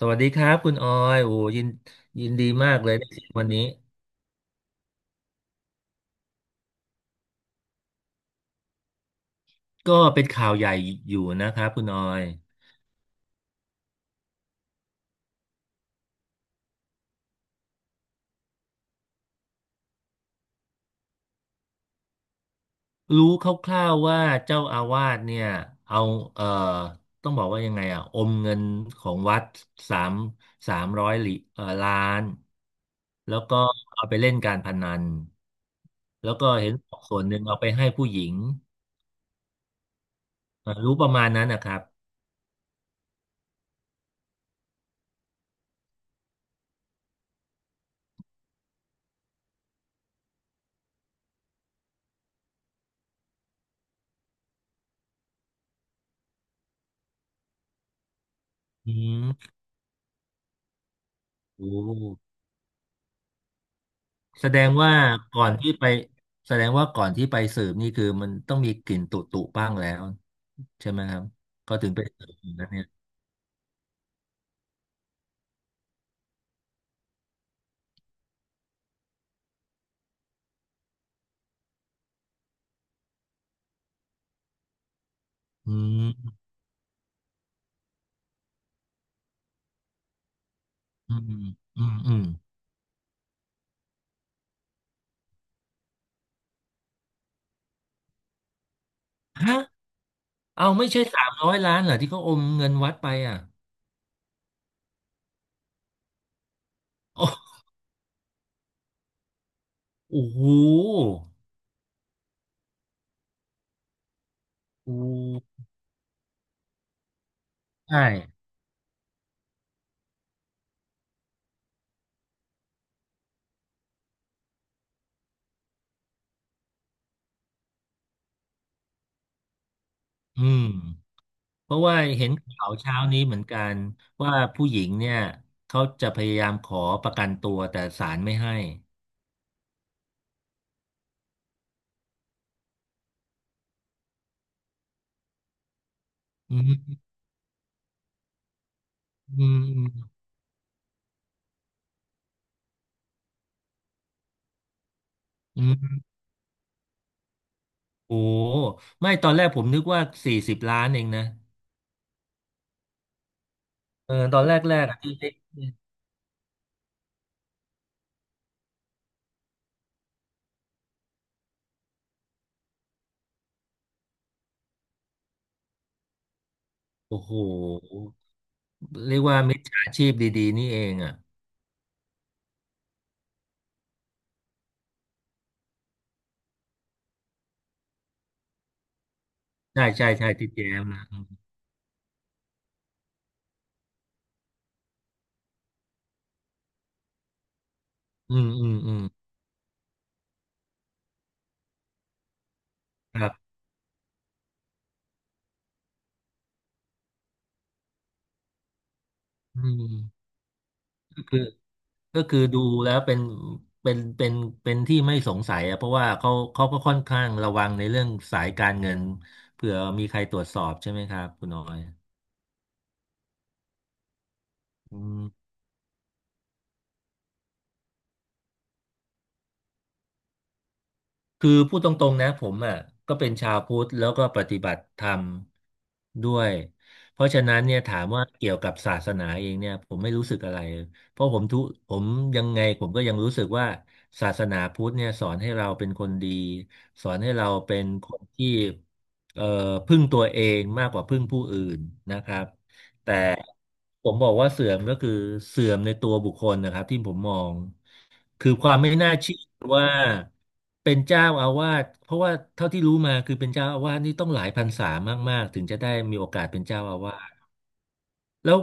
สวัสดีครับคุณออยโอ้ยินดีมากเลยได้เจอวันนี้ก็เป็นข่าวใหญ่อยู่นะครับคุณออย รู้คร่าวๆว่าเจ้าอาวาสเนี่ยเอาเอ่อต้องบอกว่ายังไงอ่ะ อมเงินของวัดสามสามร้อยล้าน แล้วก็เอาไปเล่นการพนัน แล้วก็เห็นส่วนหนึ่งเอาไปให้ผู้หญิงรู้ประมาณนั้นนะครับอืมโอ้ แสดงว่าก่อนที่ไปแสดงว่าก่อนที่ไปสืบนี่คือมันต้องมีกลิ่นตุตุบ้างแล้วใช่ไหมครับเขาถึงไปสืบอย่างนั้นเนี่ยอืมอืมอืมอืมฮะเอาไม่ใช่300 ล้านเหรอที่เขาอมเงินวัดไปอ่ะโอ้โอ้โหโอ้ใช่อืมเพราะว่าเห็นข่าวเช้านี้เหมือนกันว่าผู้หญิงเนี่ยเขาจะพยายามขอประกันตัวแต่ศาลไม่ให้อืมอืมอืม โอ้ไม่ตอนแรกผมนึกว่า40 ล้านเองนะเออตอนแรกแรกที่ได้โอ้โหเรียกว่ามิจฉาชีพดีๆนี่เองอ่ะใช่ใช่ใช่ที่แจมนะอืมอืมอืมครับอืมก็คือก็คือดูแล้วเป็นเป็นเป็นที่ไม่สงสัยอ่ะเพราะว่าเขาก็ค่อนข้างระวังในเรื่องสายการเงินเผื่อมีใครตรวจสอบใช่ไหมครับคุณน้อยอืม คือพูดตรงๆนะผมอ่ะก็เป็นชาวพุทธแล้วก็ปฏิบัติธรรมด้วยเพราะฉะนั้นเนี่ยถามว่าเกี่ยวกับศาสนาเองเนี่ยผมไม่รู้สึกอะไรเพราะผมทุผมยังไงผมก็ยังรู้สึกว่าศาสนาพุทธเนี่ยสอนให้เราเป็นคนดีสอนให้เราเป็นคนที่เอ่อพึ่งตัวเองมากกว่าพึ่งผู้อื่นนะครับแต่ผมบอกว่าเสื่อมก็คือเสื่อมในตัวบุคคลนะครับที่ผมมอง คือความไม่น่าเชื่อว่าเป็นเจ้าอาวาสเพราะว่าเท่าที่รู้มาคือเป็นเจ้าอาวาสนี่ต้องหลายพรรษามากๆถึงจะได้มีโอกาสเป็นเจ้าอาวาสแล้ว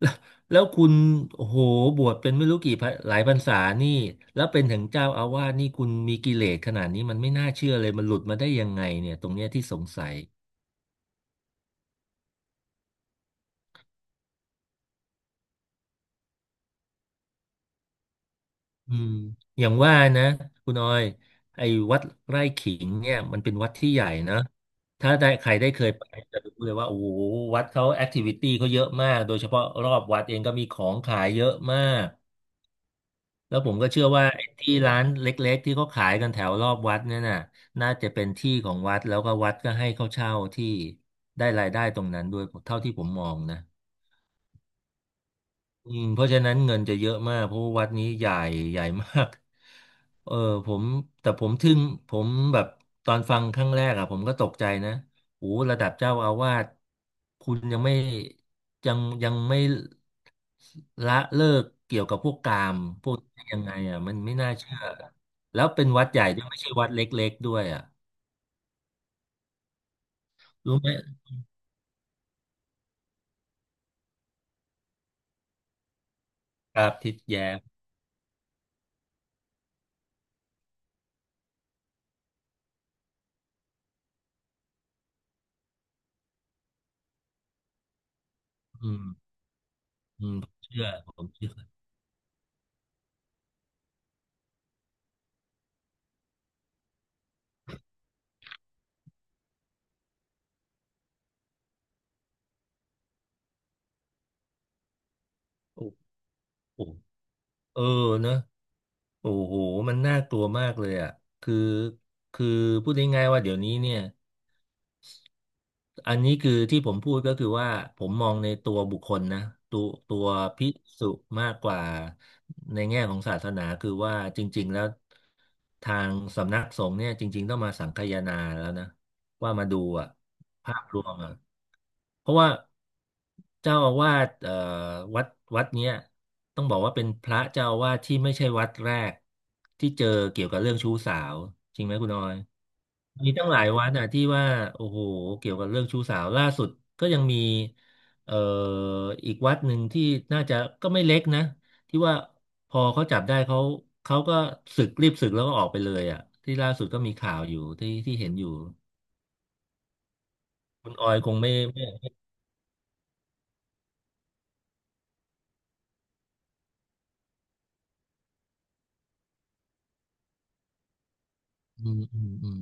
แล้วแล้วคุณโอ้โหบวชเป็นไม่รู้กี่พรรหลายพรรษานี่แล้วเป็นถึงเจ้าอาวาสนี่คุณมีกิเลสขนาดนี้มันไม่น่าเชื่อเลยมันหลุดมาได้ยังไงเนี่ยตรงเนี้ยที่สงสัย อืมอย่างว่านะคุณออยไอ้วัดไร่ขิงเนี่ยมันเป็นวัดที่ใหญ่นะถ้าได้ใครได้เคยไปจะรู้เลยว่าโอ้โหวัดเขาแอคทิวิตี้เขาเยอะมากโดยเฉพาะรอบวัดเองก็มีของขายเยอะมากแล้วผมก็เชื่อว่าไอ้ที่ร้านเล็กๆที่เขาขายกันแถวรอบวัดเนี่ยน่ะน่าจะเป็นที่ของวัดแล้วก็วัดก็ให้เขาเช่าที่ได้รายได้ตรงนั้นด้วยเท่าที่ผมมองนะ อืมเพราะฉะนั้นเงินจะเยอะมากเพราะว่าวัดนี้ใหญ่ใหญ่มาก เออผมแต่ผมทึ่งผมแบบตอนฟังครั้งแรกอะผมก็ตกใจนะโอ้ระดับเจ้าอาวาสคุณยังไม่ละเลิกเกี่ยวกับพวกกามพวกนี้ยังไงอะมันไม่น่าเชื่อแล้วเป็นวัดใหญ่ด้วยไม่ใช่วัดเล็กๆด้วยอะรู้ไหมครับทิดแย้มอืมอืมผมเชื่อผมเชื่อโอ้โหเออเนอะ โอ้โหมันน่ากลัวมากเลยอ่ะ คือคือพูดง่ายๆว่าเดี๋ยวนี้เนี่ย อันนี้คือที่ผมพูดก็คือว่าผมมองในตัวบุคคลนะตัวตัวภิกษุมากกว่าในแง่ของศาสนาคือว่าจริงๆแล้วทางสำนักสงฆ์เนี่ยจริงๆต้องมาสังคายนาแล้วนะว่ามาดูอ่ะภาพรวมอ่ะเพราะว่าเจ้าอาวาสวัดวัดเนี้ยต้องบอกว่าเป็นพระเจ้าอาวาสที่ไม่ใช่วัดแรกที่เจอเกี่ยวกับเรื่องชู้สาวจริงไหมคุณออย มีตั้งหลายวัดอ่ะที่ว่าโอ้โหเกี่ยวกับเรื่องชู้สาวล่าสุดก็ยังมีเอ่ออีกวัดหนึ่งที่น่าจะก็ไม่เล็กนะที่ว่าพอเขาจับได้เขาเขาก็สึกรีบสึกแล้วก็ออกไปเลยอ่ะที่ล่าสุดก็มีข่าวอยู่ที่ที่เห็นอยู่คุณออยคงไม่อืมอืมอืม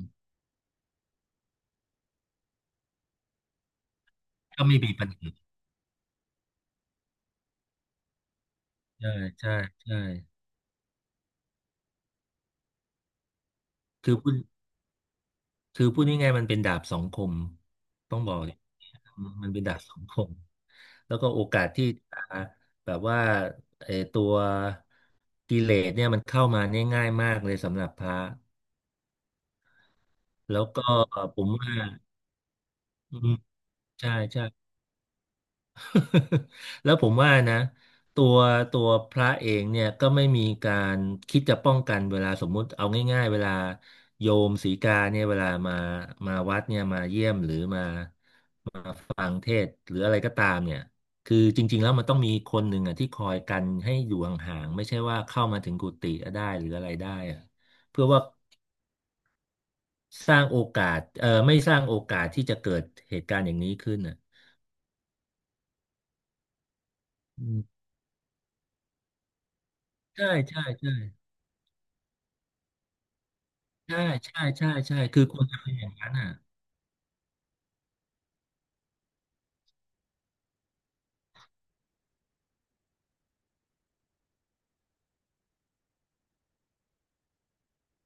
ก็ไม่มีปัญหาใช่ใช่ใช่คือพูดคือพูดง่ายๆมันเป็นดาบสองคมต้องบอกเลยมันเป็นดาบสองคม แล้วก็โอกาสที่จะแบบว่าไอ้ตัวกิเลสเนี่ยมันเข้ามาเนี่ยง่ายมากเลยสำหรับพระแล้วก็ผมว่าอืมใช่ใช่ แล้วผมว่านะตัวตัวพระเองเนี่ยก็ไม่มีการคิดจะป้องกันเวลาสมมุติเอาง่ายๆเวลาโยมสีกาเนี่ยเวลามาวัดเนี่ยมาเยี่ยมหรือมา มาฟังเทศน์หรืออะไรก็ตามเนี่ยคือจริงๆแล้วมันต้องมีคนหนึ่งอ่ะที่คอยกันให้อยู่ห่างๆไม่ใช่ว่าเข้ามาถึงกุฏิได้หรืออะไรได้อะเพื่อว่าสร้างโอกาสไม่สร้างโอกาสที่จะเกิดเหตุการณ์อย่างนี้ขึ้นอ่ะอืมใช่ใช่ใช่ใช่ใช่ใช่ใช่คือควรจะเป็นอย่างนั้นอ่ะ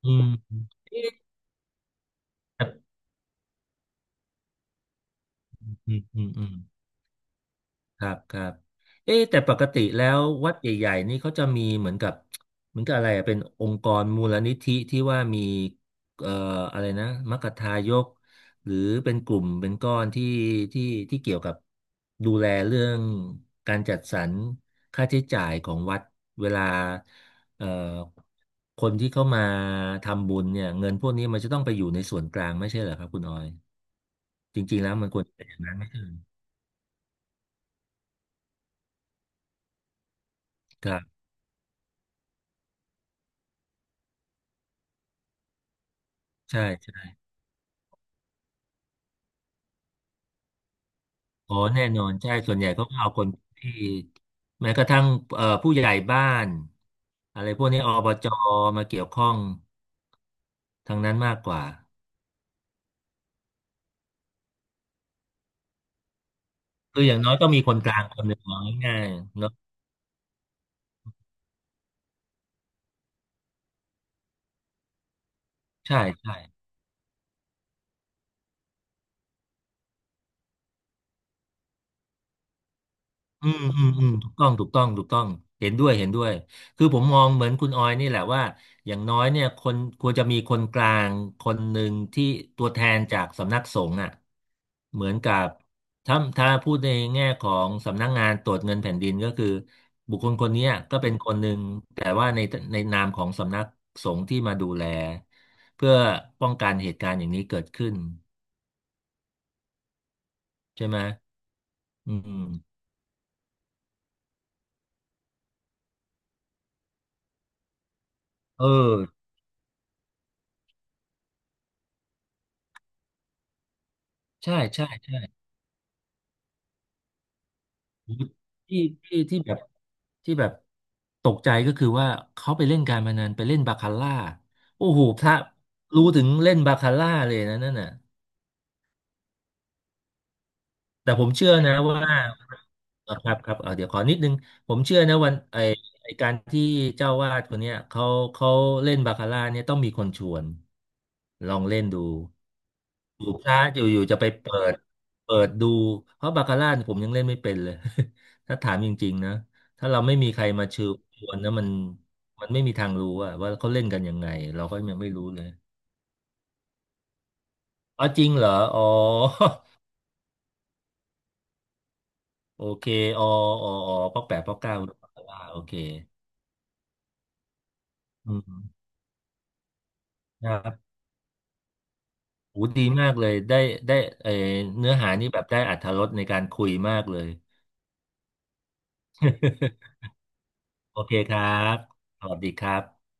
อืมเอ๊ะแต่อืมอืมอืม ครับครับเอ๊ะแต่ปกติแล้ววัดใหญ่ๆนี่เขาจะมีเหมือนกับเหมือนกับอะไรอะเป็นองค์กรมูลนิธิที่ว่ามีเอ่ออะไรนะมัคคทายกหรือเป็นกลุ่มเป็นก้อนที่ที่เกี่ยวกับดูแลเรื่องการจัดสรรค่าใช้จ่ายของวัดเวลาเอ่อคนที่เข้ามาทำบุญเนี่ยเงินพวกนี้มันจะต้องไปอยู่ในส่วนกลางไม่ใช่เหรอครับคุณออยจริงๆแล้วมันควรจะเป็นอย่างนั้นไม่ใช่เหรอครับใช่ อ๋อแน่นอนใช่ส่วนใหญ่เขาก็เอาคนที่แม้กระทั่งผู้ใหญ่บ้านอะไรพวกนี้อบจมาเกี่ยวข้องทางนั้นมากกว่าคืออย่างน้อยต้องมีคนกลางคนหนึ่งเอาง่ายๆเนาะใช่ใช่ อืมอืมอืมถูกต้องถูกต้องถูกต้องเห็นด้วยเห็นด้วยคือผมมองเหมือนคุณออยนี่แหละว่าอย่างน้อยเนี่ยคนควรจะมีคนกลางคนหนึ่งที่ตัวแทนจากสำนักสงฆ์อ่ะเหมือนกับถ้าพูดในแง่ของสำนักงานตรวจเงินแผ่นดินก็คือบุคคลคนเนี้ยก็เป็นคนหนึ่งแต่ว่าในในนามของสำนักสงฆ์ที่มาดูแลเพื่อป้องกันเหตุการณ์อย่างนี้เกิดขึ้นใช่ไหมอืมเออใช่ใช่ใช่ ที่ที่แบบแบบตกใจก็คือว่าเขาไปเล่นการพนันไปเล่นบาคาร่าโอ้โหพระรู้ถึงเล่นบาคาร่าเลยนะนั่นน่ะแต่ผมเชื่อนะว่าครับครับเดี๋ยวขอนิดนึงผมเชื่อนะวันไอไอการที่เจ้าวาดคนเนี้ยเขาเล่นบาคาร่าเนี่ยต้องมีคนชวนลองเล่นดู อยู่พลาดอยู่อยู่จะไปเปิดเปิดดูเพราะบาคาร่าเนี่ยผมยังเล่นไม่เป็นเลย ถ้าถามจริงๆนะถ้าเราไม่มีใครมาเชิญชวนนะมันมันไม่มีทางรู้อะว่าเขาเล่นกันยังไงเราก็ยังไม่รู้เลยอ๋อจริงเหรออ๋อ โอเคอ๋ออ๋ออ๋อป๊อกแปดป๊อกเก้าบาคาร่าโอเคอืมครับโหดีมากเลยได้ได้เออเนื้อหานี่แบบได้อรรถรสในการคุยมากเลย โอเคครับสวัสดีครับ